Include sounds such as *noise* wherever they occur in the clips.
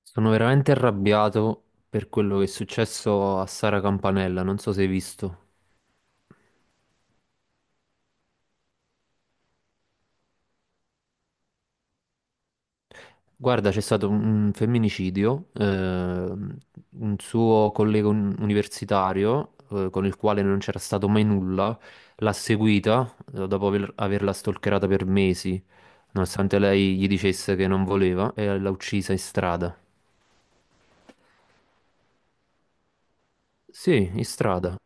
Sono veramente arrabbiato per quello che è successo a Sara Campanella, non so se hai visto. Guarda, c'è stato un femminicidio, un suo universitario, con il quale non c'era stato mai nulla, l'ha seguita, dopo averla stalkerata per mesi, nonostante lei gli dicesse che non voleva, e l'ha uccisa in strada. Sì, in strada.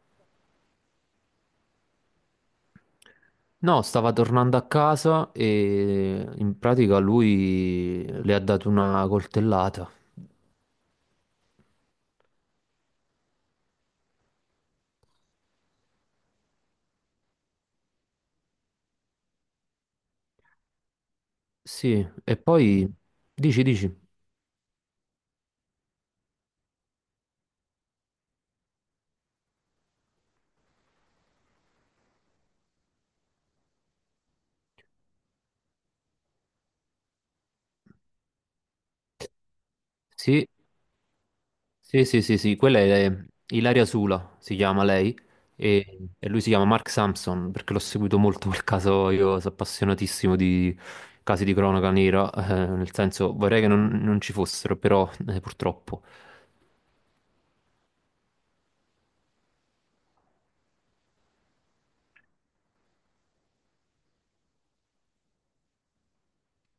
No, stava tornando a casa e in pratica lui le ha dato una coltellata. Sì, e poi dici, dici. Sì, sì, sì, sì, sì, quella è Ilaria Sula, si chiama lei, e lui si chiama Mark Sampson, perché l'ho seguito molto quel caso, io sono appassionatissimo di casi di cronaca nera, nel senso vorrei che non, non ci fossero, però purtroppo.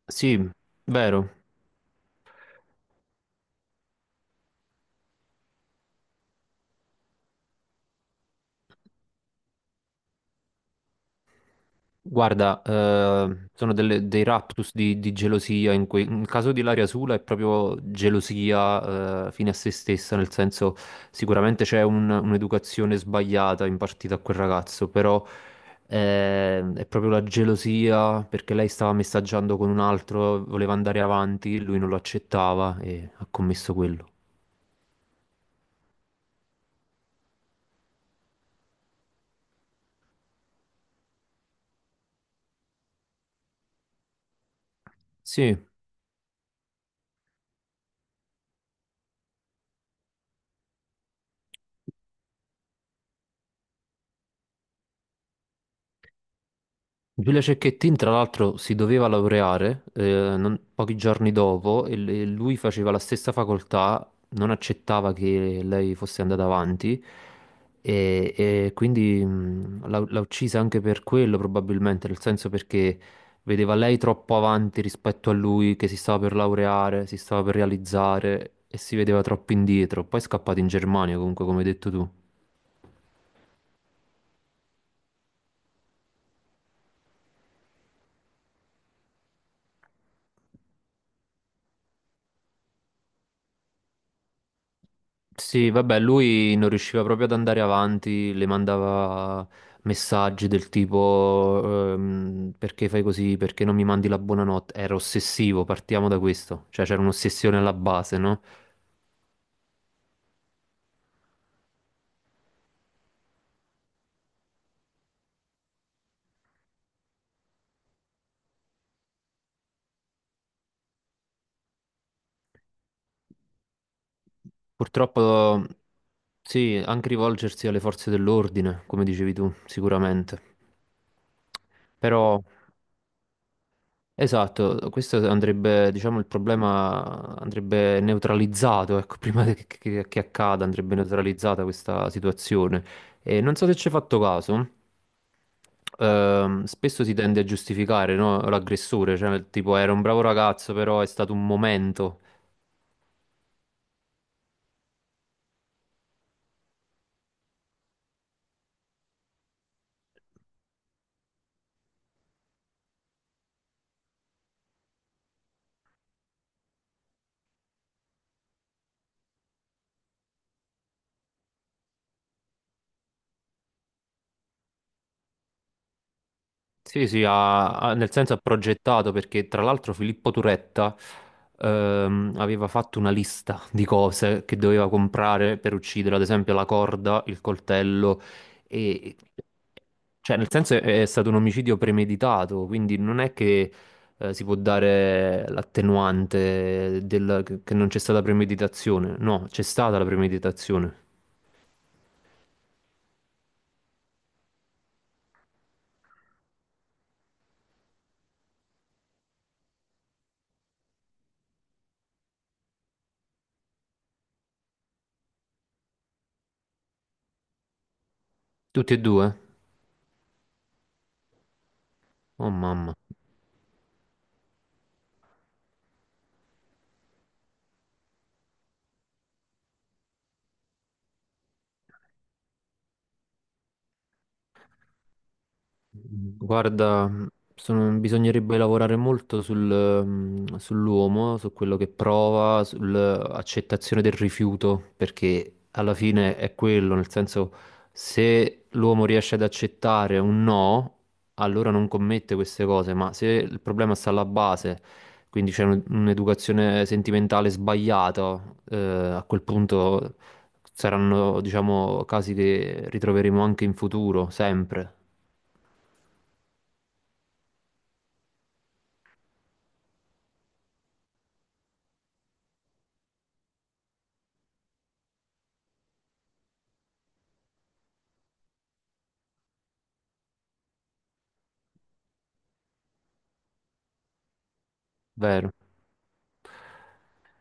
Sì, vero. Guarda, sono dei raptus di gelosia, in cui, nel caso di Ilaria Sula è proprio gelosia, fine a se stessa, nel senso sicuramente c'è un'educazione sbagliata impartita a quel ragazzo, però è proprio la gelosia perché lei stava messaggiando con un altro, voleva andare avanti, lui non lo accettava e ha commesso quello. Sì. Giulia Cecchettin, tra l'altro, si doveva laureare pochi giorni dopo e e lui faceva la stessa facoltà, non accettava che lei fosse andata avanti e quindi l'ha uccisa anche per quello, probabilmente, nel senso perché vedeva lei troppo avanti rispetto a lui, che si stava per laureare, si stava per realizzare e si vedeva troppo indietro. Poi è scappato in Germania, comunque, come hai detto tu. Sì, vabbè, lui non riusciva proprio ad andare avanti, le mandava messaggi del tipo perché fai così, perché non mi mandi la buonanotte. Era ossessivo, partiamo da questo, cioè c'era un'ossessione alla base, no? Purtroppo sì, anche rivolgersi alle forze dell'ordine, come dicevi tu, sicuramente. Però esatto, questo andrebbe, diciamo, il problema andrebbe neutralizzato, ecco, *laughs* prima che accada, andrebbe neutralizzata questa situazione. E non so se ci hai fatto caso, spesso si tende a giustificare, no, l'aggressore, cioè tipo era un bravo ragazzo, però è stato un momento. Sì, sì, nel senso ha progettato perché tra l'altro Filippo Turetta aveva fatto una lista di cose che doveva comprare per uccidere, ad esempio la corda, il coltello e... Cioè, nel senso è stato un omicidio premeditato, quindi non è che si può dare l'attenuante che non c'è stata premeditazione. No, c'è stata la premeditazione. Tutti e due? Oh mamma. Guarda, sono- bisognerebbe lavorare molto sul, mm, sull'uomo, su quello che prova, sull'accettazione del rifiuto, perché alla fine è quello, nel senso, se l'uomo riesce ad accettare un no, allora non commette queste cose, ma se il problema sta alla base, quindi c'è un'educazione sentimentale sbagliata, a quel punto saranno, diciamo, casi che ritroveremo anche in futuro, sempre. Vero.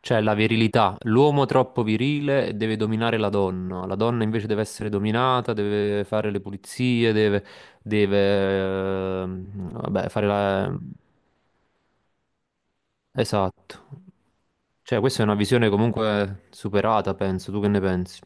Cioè la virilità, l'uomo troppo virile deve dominare la donna invece deve essere dominata, deve fare le pulizie, deve, deve, vabbè, fare la... Esatto. Cioè questa è una visione comunque superata, penso, tu che ne pensi?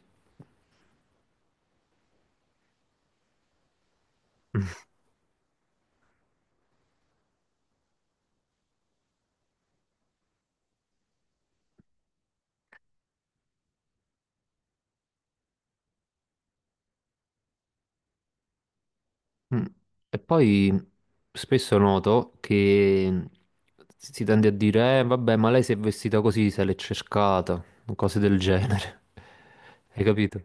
Mm. E poi spesso noto che si tende a dire, vabbè, ma lei si è vestita così, se l'è cercata, cose del genere. *laughs* Hai capito?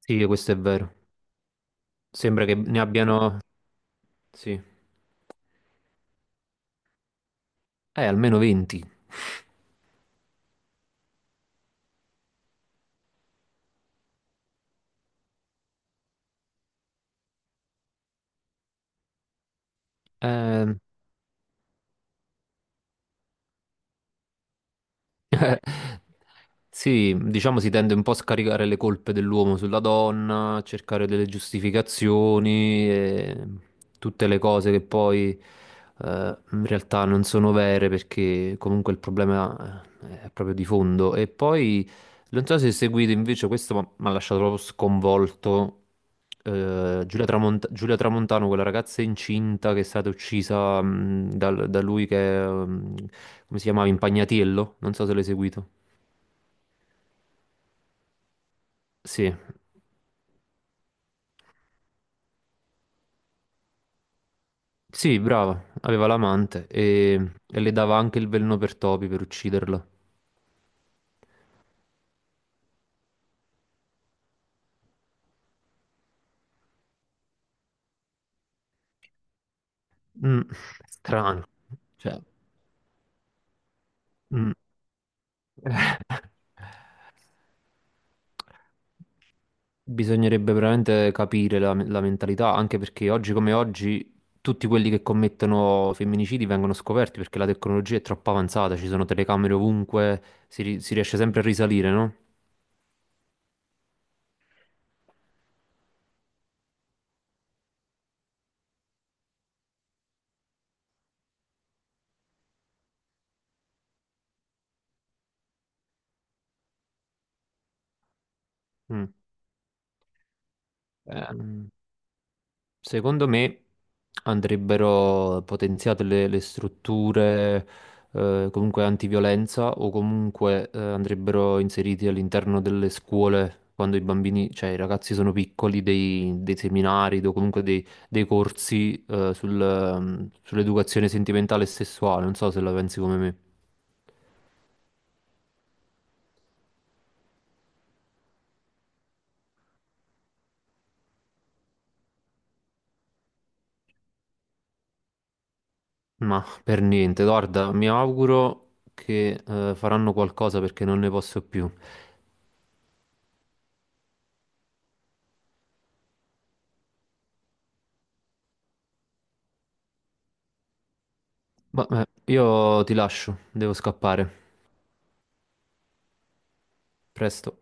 Sì, questo è vero. Sembra che ne abbiano, sì, almeno 20. Eh, Sì, diciamo si tende un po' a scaricare le colpe dell'uomo sulla donna, a cercare delle giustificazioni e tutte le cose che poi in realtà non sono vere perché comunque il problema è proprio di fondo. E poi non so se seguite invece questo, ma mi ha lasciato proprio sconvolto. Eh, Giulia Tramontano, quella ragazza incinta che è stata uccisa da lui che, è, come si chiamava, Impagnatiello, non so se l'hai seguito. Sì, sì, brava, aveva l'amante e le dava anche il veleno per topi per ucciderlo. Mm, strano, cioè, mm. Bisognerebbe veramente capire la, la mentalità, anche perché oggi come oggi tutti quelli che commettono femminicidi vengono scoperti perché la tecnologia è troppo avanzata, ci sono telecamere ovunque, si, si riesce sempre a risalire, no? Mm. Mm. Secondo me andrebbero potenziate le strutture comunque antiviolenza o comunque andrebbero inseriti all'interno delle scuole quando i bambini, cioè i ragazzi sono piccoli, dei, dei seminari o comunque dei, dei corsi sul, sull'educazione sentimentale e sessuale. Non so se la pensi come me. Ma per niente, guarda, mi auguro che faranno qualcosa perché non ne posso più. Vabbè, io ti lascio, devo scappare. Presto.